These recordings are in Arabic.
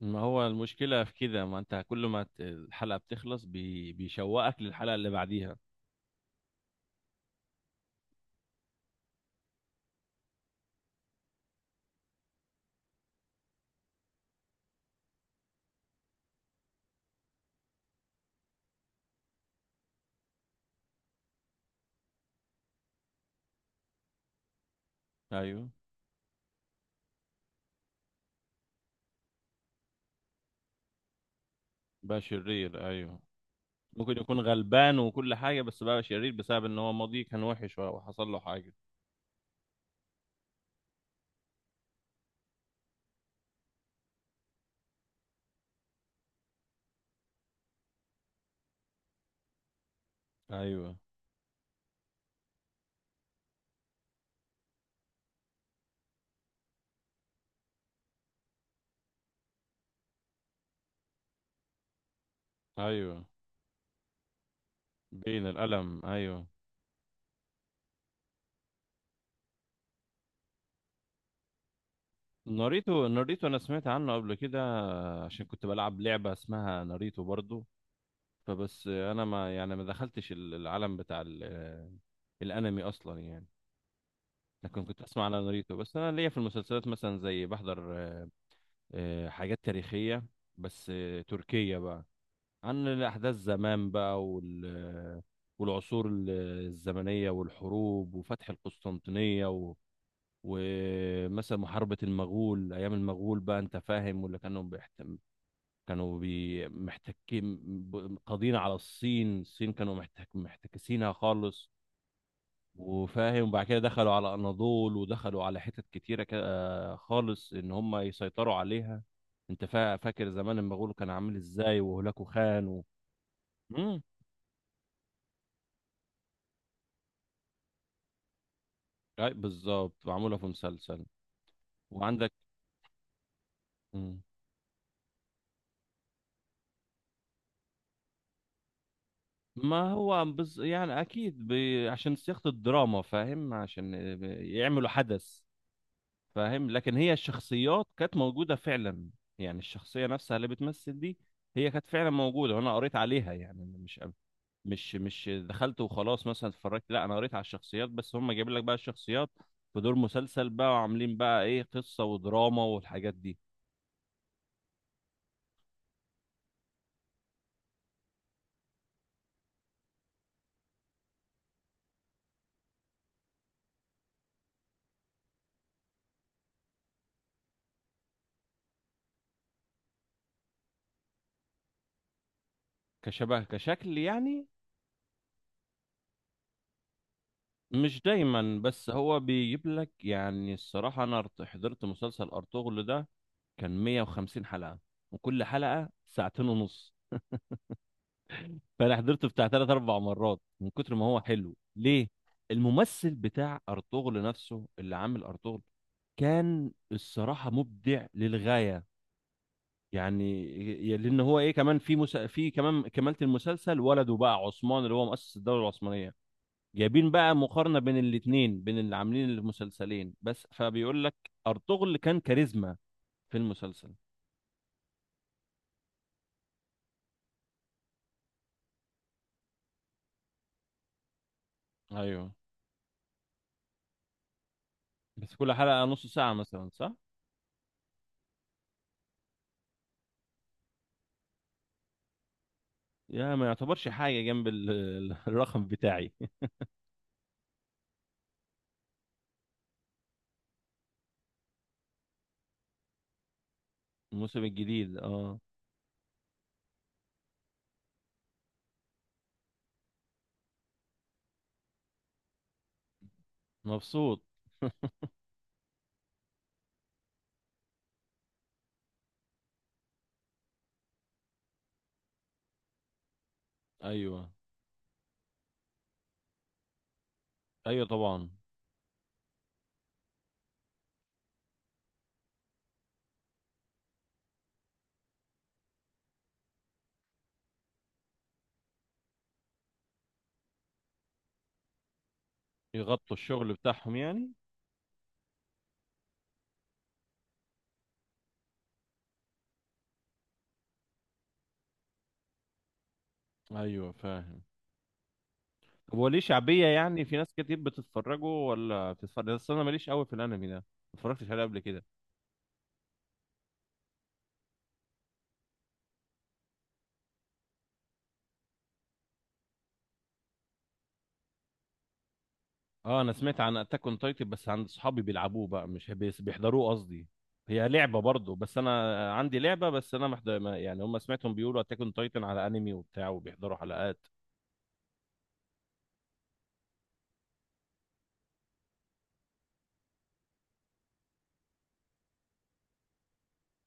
ما هو المشكلة في كده، ما انت كل ما الحلقة بتخلص بيشوقك للحلقة اللي بعديها. ايوه، بقى شرير ايوه، ممكن يكون غلبان وكل حاجة بس بقى شرير بسبب ان هو ماضيه كان وحش وحصل له حاجة. ايوه ايوه، بين الألم ايوه. ناريتو انا سمعت عنه قبل كده، عشان كنت بلعب لعبة اسمها ناريتو برضو. فبس انا ما يعني ما دخلتش العالم بتاع الانمي اصلا يعني. لكن كنت اسمع على ناريتو، بس انا ليا في المسلسلات مثلا، زي بحضر حاجات تاريخية، بس تركية بقى، عن الاحداث زمان بقى والعصور الزمنية والحروب وفتح القسطنطينية ومثلا محاربة المغول أيام المغول بقى، أنت فاهم ولا كانوا محتكين. قاضين على الصين، كانوا محتكسينها خالص. وفاهم، وبعد كده دخلوا على اناضول ودخلوا على حتت كتيره كده خالص، ان هم يسيطروا عليها. انت فاكر زمان المغول كان عامل ازاي، وهولاكو خان مم. أي بالظبط، معموله في مسلسل. وعندك مم. ما هو بز... يعني اكيد ب... عشان صياغه الدراما، فاهم، عشان يعملوا حدث. فاهم، لكن هي الشخصيات كانت موجوده فعلا، يعني الشخصيه نفسها اللي بتمثل دي هي كانت فعلا موجوده، وانا قريت عليها يعني. مش دخلت وخلاص مثلا اتفرجت، لا انا قريت على الشخصيات، بس هم جايبين لك بقى الشخصيات في دور مسلسل بقى وعاملين بقى ايه، قصة ودراما والحاجات دي. كشبه كشكل يعني. مش دايما، بس هو بيجيب لك يعني. الصراحة انا حضرت مسلسل ارطغرل ده، كان 150 حلقة، وكل حلقة ساعتين ونص. فانا حضرته بتاع ثلاث اربع مرات من كتر ما هو حلو ليه. الممثل بتاع ارطغرل نفسه اللي عامل ارطغرل كان الصراحه مبدع للغايه، يعني. لان هو ايه، كمان في كمان كمالة المسلسل، ولده بقى عثمان اللي هو مؤسس الدوله العثمانيه، جايبين بقى مقارنه بين الاثنين، بين اللي عاملين المسلسلين، بس فبيقول لك ارطغرل كان كاريزما في المسلسل. ايوه، بس كل حلقه نص ساعه مثلا، صح؟ يا ما يعتبرش حاجه جنب الرقم بتاعي. الموسم الجديد اه. مبسوط. ايوه ايوه طبعا. يغطوا الشغل بتاعهم يعني. ايوه فاهم. طب هو ليه شعبيه يعني، في ناس كتير بتتفرجوا ولا بتتفرج؟ بس انا ماليش قوي في الانمي ده، ما اتفرجتش عليه قبل كده. اه انا سمعت عن اتاك اون تايتن بس عند صحابي بيلعبوه بقى، مش بيحضروه قصدي، هي لعبه برضه. بس انا عندي لعبه، بس انا محضر يعني هم سمعتهم بيقولوا اتاك اون تايتن على انمي وبتاع، وبيحضروا حلقات.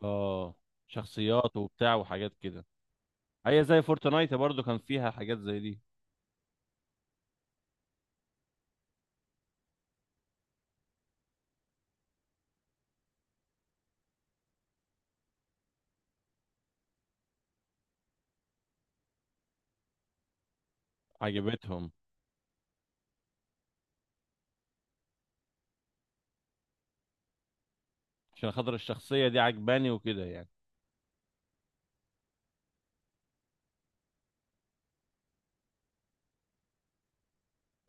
اه، شخصيات وبتاع وحاجات كده. هي زي فورتنايت برضو كان فيها حاجات زي دي. عجبتهم. عشان خاطر الشخصية دي عجباني وكده يعني.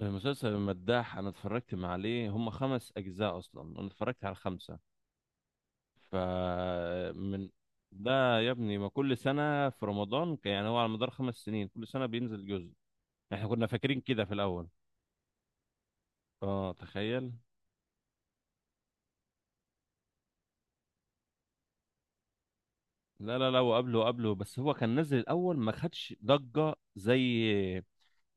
المسلسل المداح، أنا اتفرجت عليه، هم خمس أجزاء أصلا، أنا اتفرجت على الخمسة. فمن. ده يا ابني ما كل سنة في رمضان، يعني هو على مدار خمس سنين كل سنة بينزل جزء. احنا كنا فاكرين كده في الأول. اه تخيل. لا لا لا، وقبله وقبله، بس هو كان نزل الأول، ما خدش ضجة زي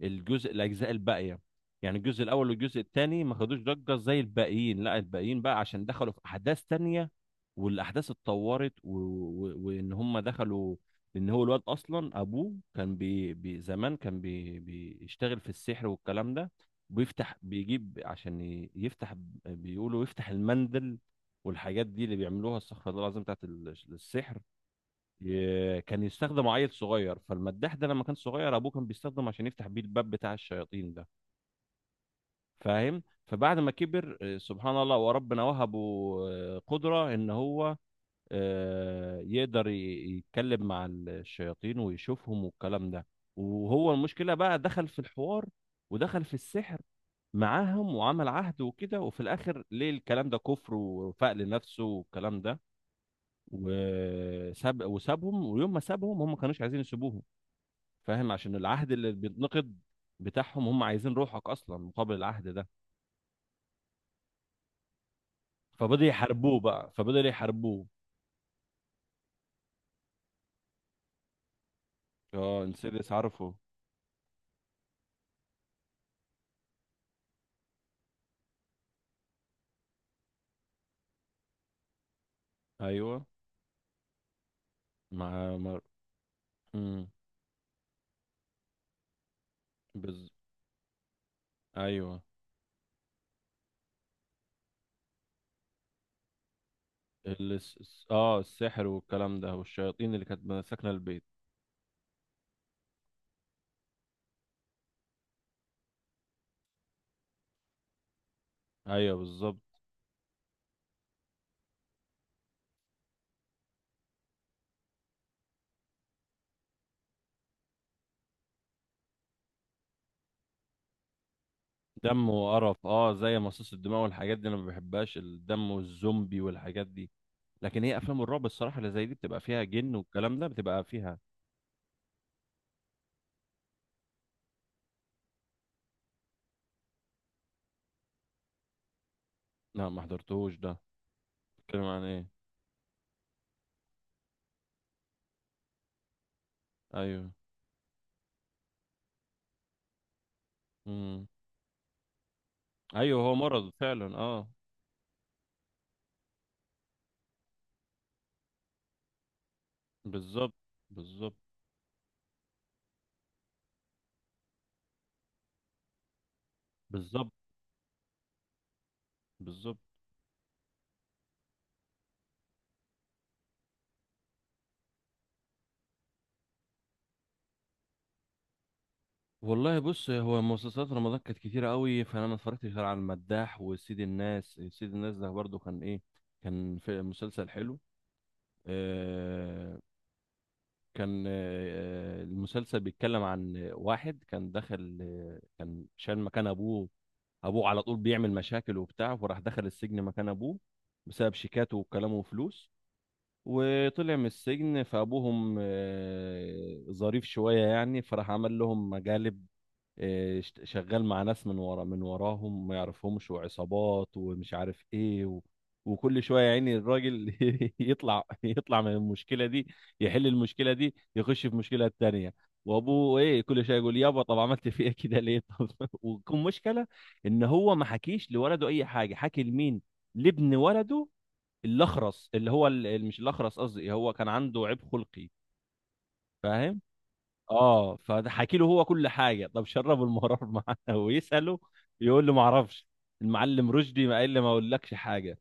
الاجزاء الباقيه. يعني الجزء الاول والجزء الثاني ما خدوش ضجه زي الباقيين، لا الباقيين بقى عشان دخلوا في احداث تانية. والاحداث اتطورت وان هم دخلوا. ان هو الواد اصلا ابوه كان بي... بي... زمان كان بي... بيشتغل في السحر والكلام ده. ويفتح بيجيب، عشان يفتح، بيقولوا يفتح المندل والحاجات دي اللي بيعملوها، استغفر الله العظيم، بتاعت السحر. كان يستخدم عيل صغير، فالمداح ده لما كان صغير ابوه كان بيستخدم عشان يفتح بيه الباب بتاع الشياطين ده. فاهم، فبعد ما كبر سبحان الله، وربنا وهبه قدرة ان هو يقدر يتكلم مع الشياطين ويشوفهم والكلام ده. وهو المشكلة بقى دخل في الحوار، ودخل في السحر معاهم، وعمل عهد وكده. وفي الاخر ليه الكلام ده كفر، وفاق لنفسه والكلام ده وساب، وسابهم. ويوم ما سابهم هم ما كانوش عايزين يسيبوه، فاهم، عشان العهد اللي بيتنقض بتاعهم، هم عايزين روحك اصلا مقابل العهد ده. فبدأوا يحاربوه. اه انسيدس عارفه. ايوه، مع مر... مم. بز... ايوه، اه، السحر والكلام ده والشياطين اللي كانت ساكنه البيت. ايوه بالظبط. دم وقرف، اه، زي مصاص الدماء والحاجات دي، انا ما بحبهاش الدم والزومبي والحاجات دي. لكن هي افلام الرعب الصراحه اللي زي دي بتبقى فيها جن والكلام ده، بتبقى فيها. لا ما حضرتهوش ده. بتتكلم عن ايه؟ ايوه. امم. ايوه هو مرض فعلا، اه. بالظبط، بالظبط، بالظبط، بالظبط. والله بص، هو مسلسلات رمضان كانت كتيرة قوي، فانا ما اتفرجتش غير على المداح وسيد الناس. سيد الناس ده برضو كان ايه، كان في مسلسل حلو. آه، كان آه، المسلسل بيتكلم عن واحد كان دخل كان شال مكان ابوه. ابوه على طول بيعمل مشاكل وبتاع، فراح دخل السجن مكان ابوه بسبب شيكاته وكلامه وفلوس. وطلع من السجن، فابوهم ظريف شويه يعني، فراح عمل لهم مقالب. شغال مع ناس من ورا، من وراهم ما يعرفهمش، وعصابات ومش عارف ايه وكل شويه يعني الراجل يطلع من المشكله دي، يحل المشكله دي يخش في مشكله تانية. وابوه ايه كل شويه يقول يابا طب عملت فيا كده ليه طب وكم مشكله. ان هو ما حكيش لولده اي حاجه، حكي لمين؟ لابن ولده الاخرس، اللي هو مش الاخرس قصدي، هو كان عنده عيب خلقي، فاهم. اه فحكي له هو كل حاجه، طب شربوا المرار معاه ويساله يقول له ما اعرفش، المعلم رشدي ما قال لي ما اقولكش حاجه.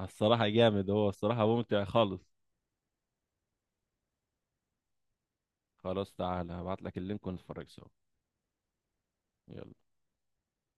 الصراحه جامد، هو الصراحه ممتع خالص. خلاص تعالى هبعت لك اللينك ونتفرج سوا. يلا.